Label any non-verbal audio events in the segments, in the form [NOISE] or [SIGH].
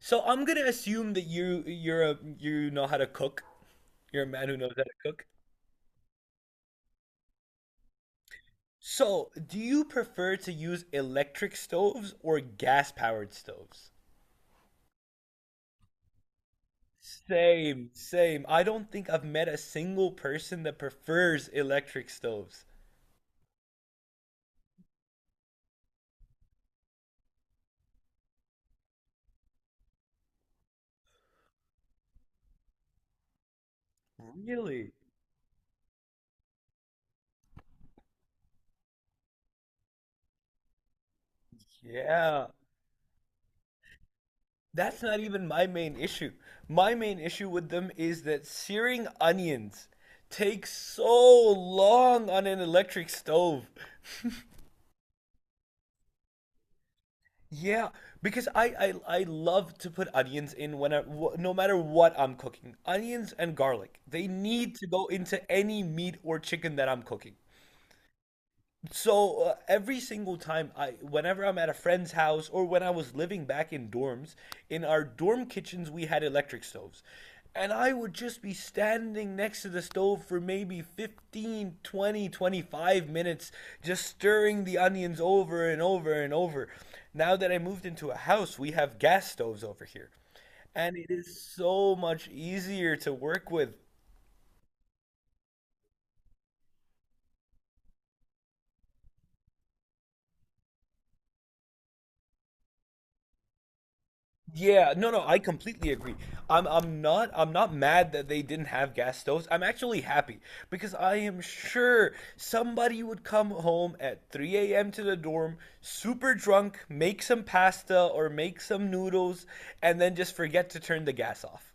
So, I'm gonna assume that you you're a you know how to cook. You're a man who knows how to cook. So do you prefer to use electric stoves or gas powered stoves? Same, same. I don't think I've met a single person that prefers electric stoves. Really? Yeah. That's not even my main issue. My main issue with them is that searing onions takes so long on an electric stove. Yeah, because I love to put onions in when no matter what I'm cooking. Onions and garlic. They need to go into any meat or chicken that I'm cooking so every single time whenever I'm at a friend's house or when I was living back in dorms, in our dorm kitchens we had electric stoves. And I would just be standing next to the stove for maybe 15, 20, 25 minutes, just stirring the onions over and over and over. Now that I moved into a house, we have gas stoves over here. And it is so much easier to work with. Yeah, no, no, I completely agree. I'm not mad that they didn't have gas stoves. I'm actually happy because I am sure somebody would come home at 3 a.m. to the dorm, super drunk, make some pasta or make some noodles, and then just forget to turn the gas off.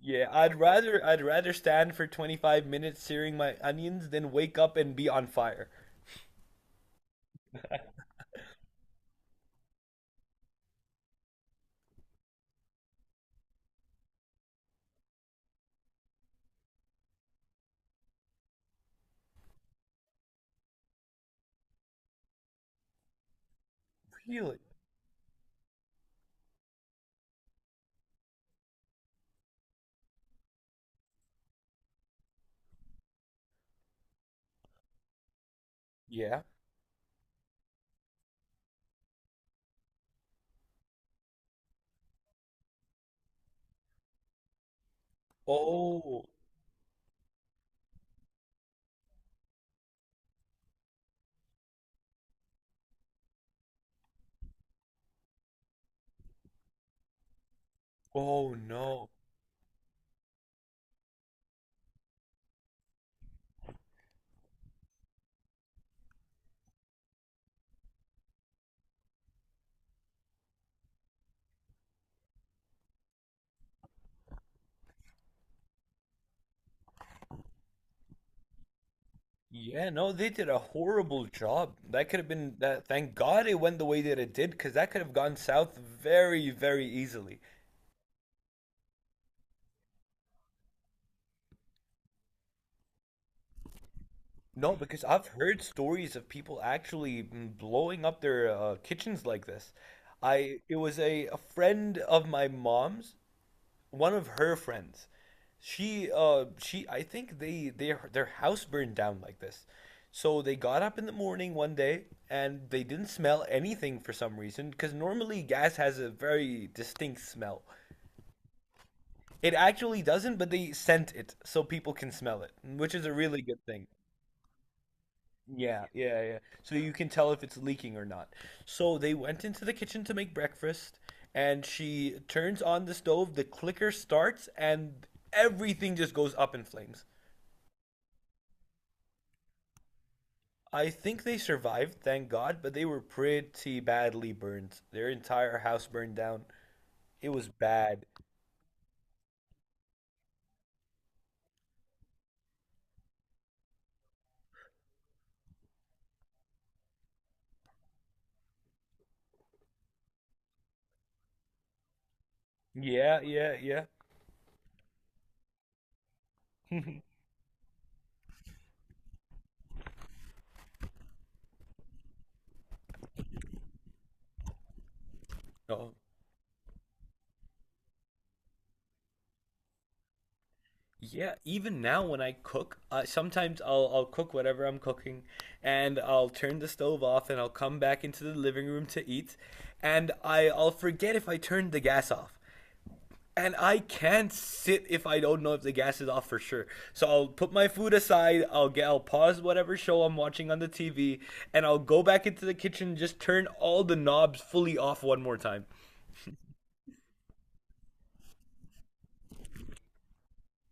Yeah, I'd rather stand for 25 minutes searing my onions than wake up and be on fire. Really? Yeah. Oh, oh no. Yeah, no, they did a horrible job. That could have been that. Thank God it went the way that it did, because that could have gone south very, very easily. No, because I've heard stories of people actually blowing up their kitchens like this. I it was a friend of my mom's, one of her friends. She uh she i think they their house burned down like this. So they got up in the morning one day and they didn't smell anything for some reason, because normally gas has a very distinct smell. It actually doesn't, but they scent it so people can smell it, which is a really good thing. Yeah, yeah, yeah. So you can tell if it's leaking or not. So they went into the kitchen to make breakfast, and she turns on the stove, the clicker starts, and everything just goes up in flames. I think they survived, thank God, but they were pretty badly burned. Their entire house burned down. It was bad. Yeah, yeah, yeah. [LAUGHS] Oh. Yeah, even now when I cook, sometimes I'll cook whatever I'm cooking, and I'll turn the stove off, and I'll come back into the living room to eat, and I'll forget if I turned the gas off, and I can't sit if I don't know if the gas is off for sure. So I'll put my food aside, I'll pause whatever show I'm watching on the TV, and I'll go back into the kitchen, and just turn all the knobs fully off one more time.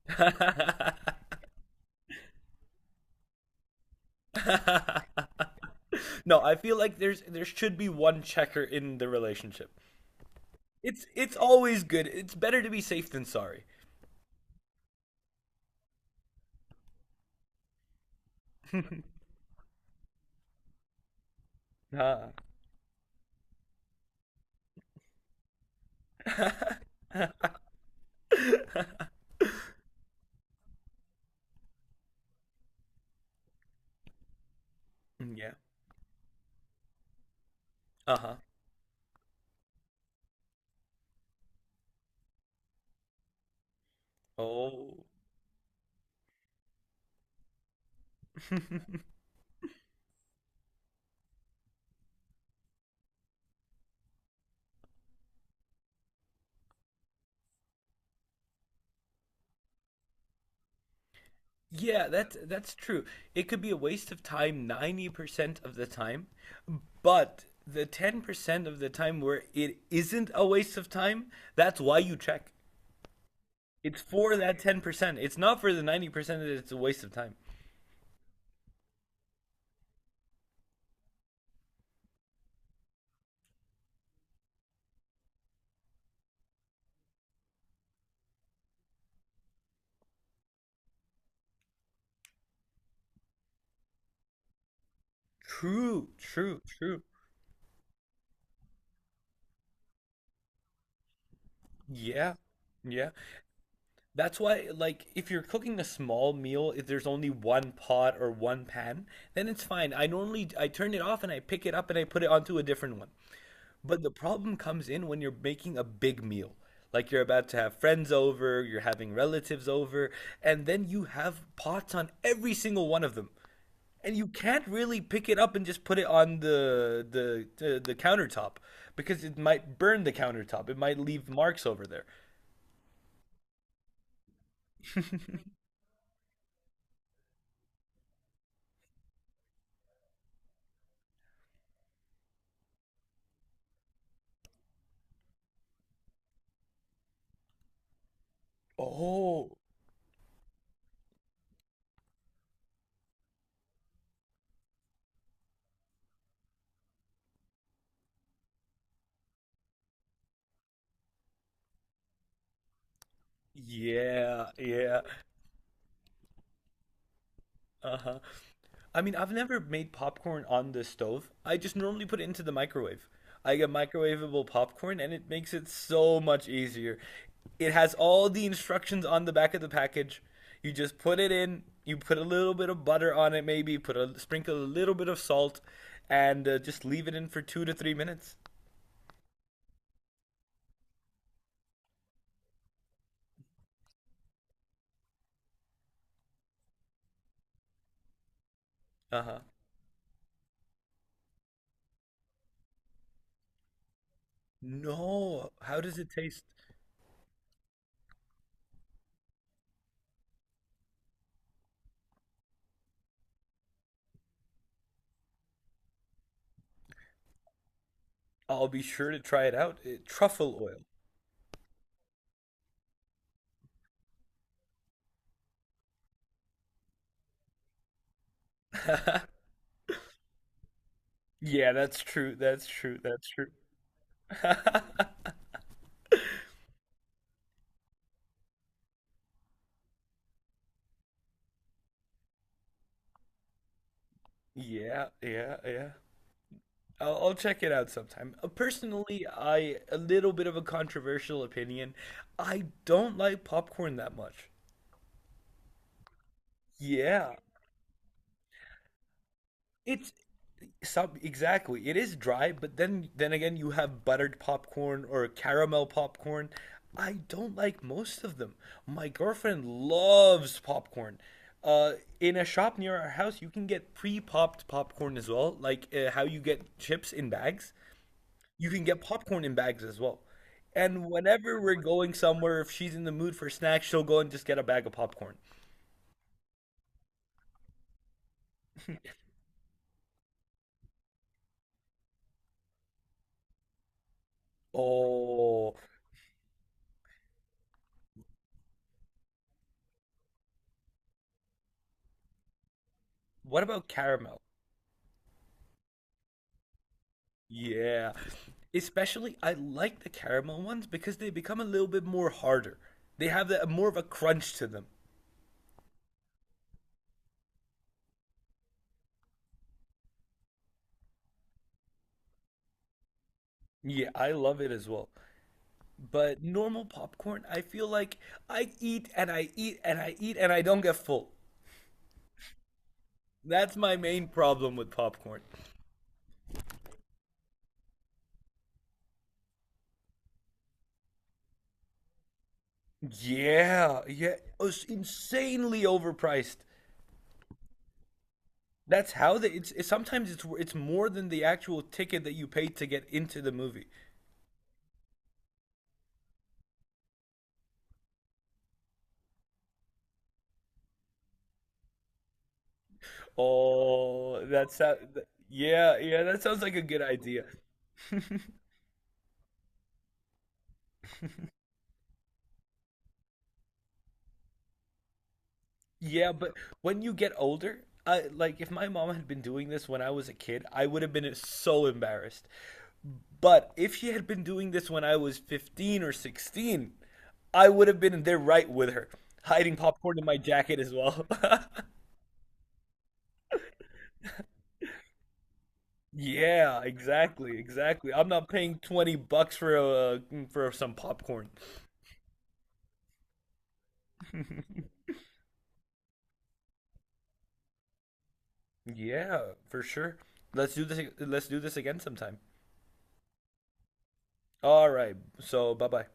[LAUGHS] No, I feel like there should be one checker in the relationship. It's always good. It's better to be safe than sorry. [LAUGHS] Ah. [LAUGHS] Yeah. Uh-huh. Oh. Yeah, that's true. It could be a waste of time 90% of the time, but the 10% of the time where it isn't a waste of time, that's why you check. It's for that 10%. It's not for the 90% that it's a waste of time. True, true, true. Yeah. Yeah. That's why, like, if you're cooking a small meal, if there's only one pot or one pan, then it's fine. I normally I turn it off and I pick it up and I put it onto a different one. But the problem comes in when you're making a big meal. Like you're about to have friends over, you're having relatives over, and then you have pots on every single one of them. And you can't really pick it up and just put it on the countertop, because it might burn the countertop. It might leave marks over there. Oh. Yeah, yeah. Uh-huh. I mean, I've never made popcorn on the stove. I just normally put it into the microwave. I get microwavable popcorn and it makes it so much easier. It has all the instructions on the back of the package. You just put it in, you put a little bit of butter on it maybe, put a sprinkle a little bit of salt and just leave it in for 2 to 3 minutes. Uh-huh. No, how does it taste? I'll be sure to try it out. Truffle oil. [LAUGHS] Yeah, that's true. That's true. That's true. [LAUGHS] Yeah, yeah, yeah. I'll check it out sometime. Personally, I a little bit of a controversial opinion. I don't like popcorn that much. Yeah. It's Some exactly. It is dry, but then again you have buttered popcorn or caramel popcorn. I don't like most of them. My girlfriend loves popcorn. Uh, in a shop near our house, you can get pre-popped popcorn as well, like how you get chips in bags. You can get popcorn in bags as well. And whenever we're going somewhere, if she's in the mood for snacks, she'll go and just get a bag of popcorn. Oh, what about caramel? Yeah. Especially, I like the caramel ones because they become a little bit more harder. They have that, more of a crunch to them. Yeah, I love it as well. But normal popcorn, I feel like I eat and I eat and I eat and I don't get full. That's my main problem with popcorn. Yeah, yeah, it's insanely overpriced. That's how they. It's sometimes it's more than the actual ticket that you paid to get into the movie. Oh, that's yeah, yeah, that sounds like a good idea. Yeah, but when you get older, like if my mom had been doing this when I was a kid, I would have been so embarrassed. But if she had been doing this when I was 15 or 16, I would have been there right with her, hiding popcorn in my jacket as well. [LAUGHS] Yeah, exactly, exactly. I'm not paying 20 bucks for some popcorn. Yeah, for sure. Let's do this again sometime. All right. So bye bye.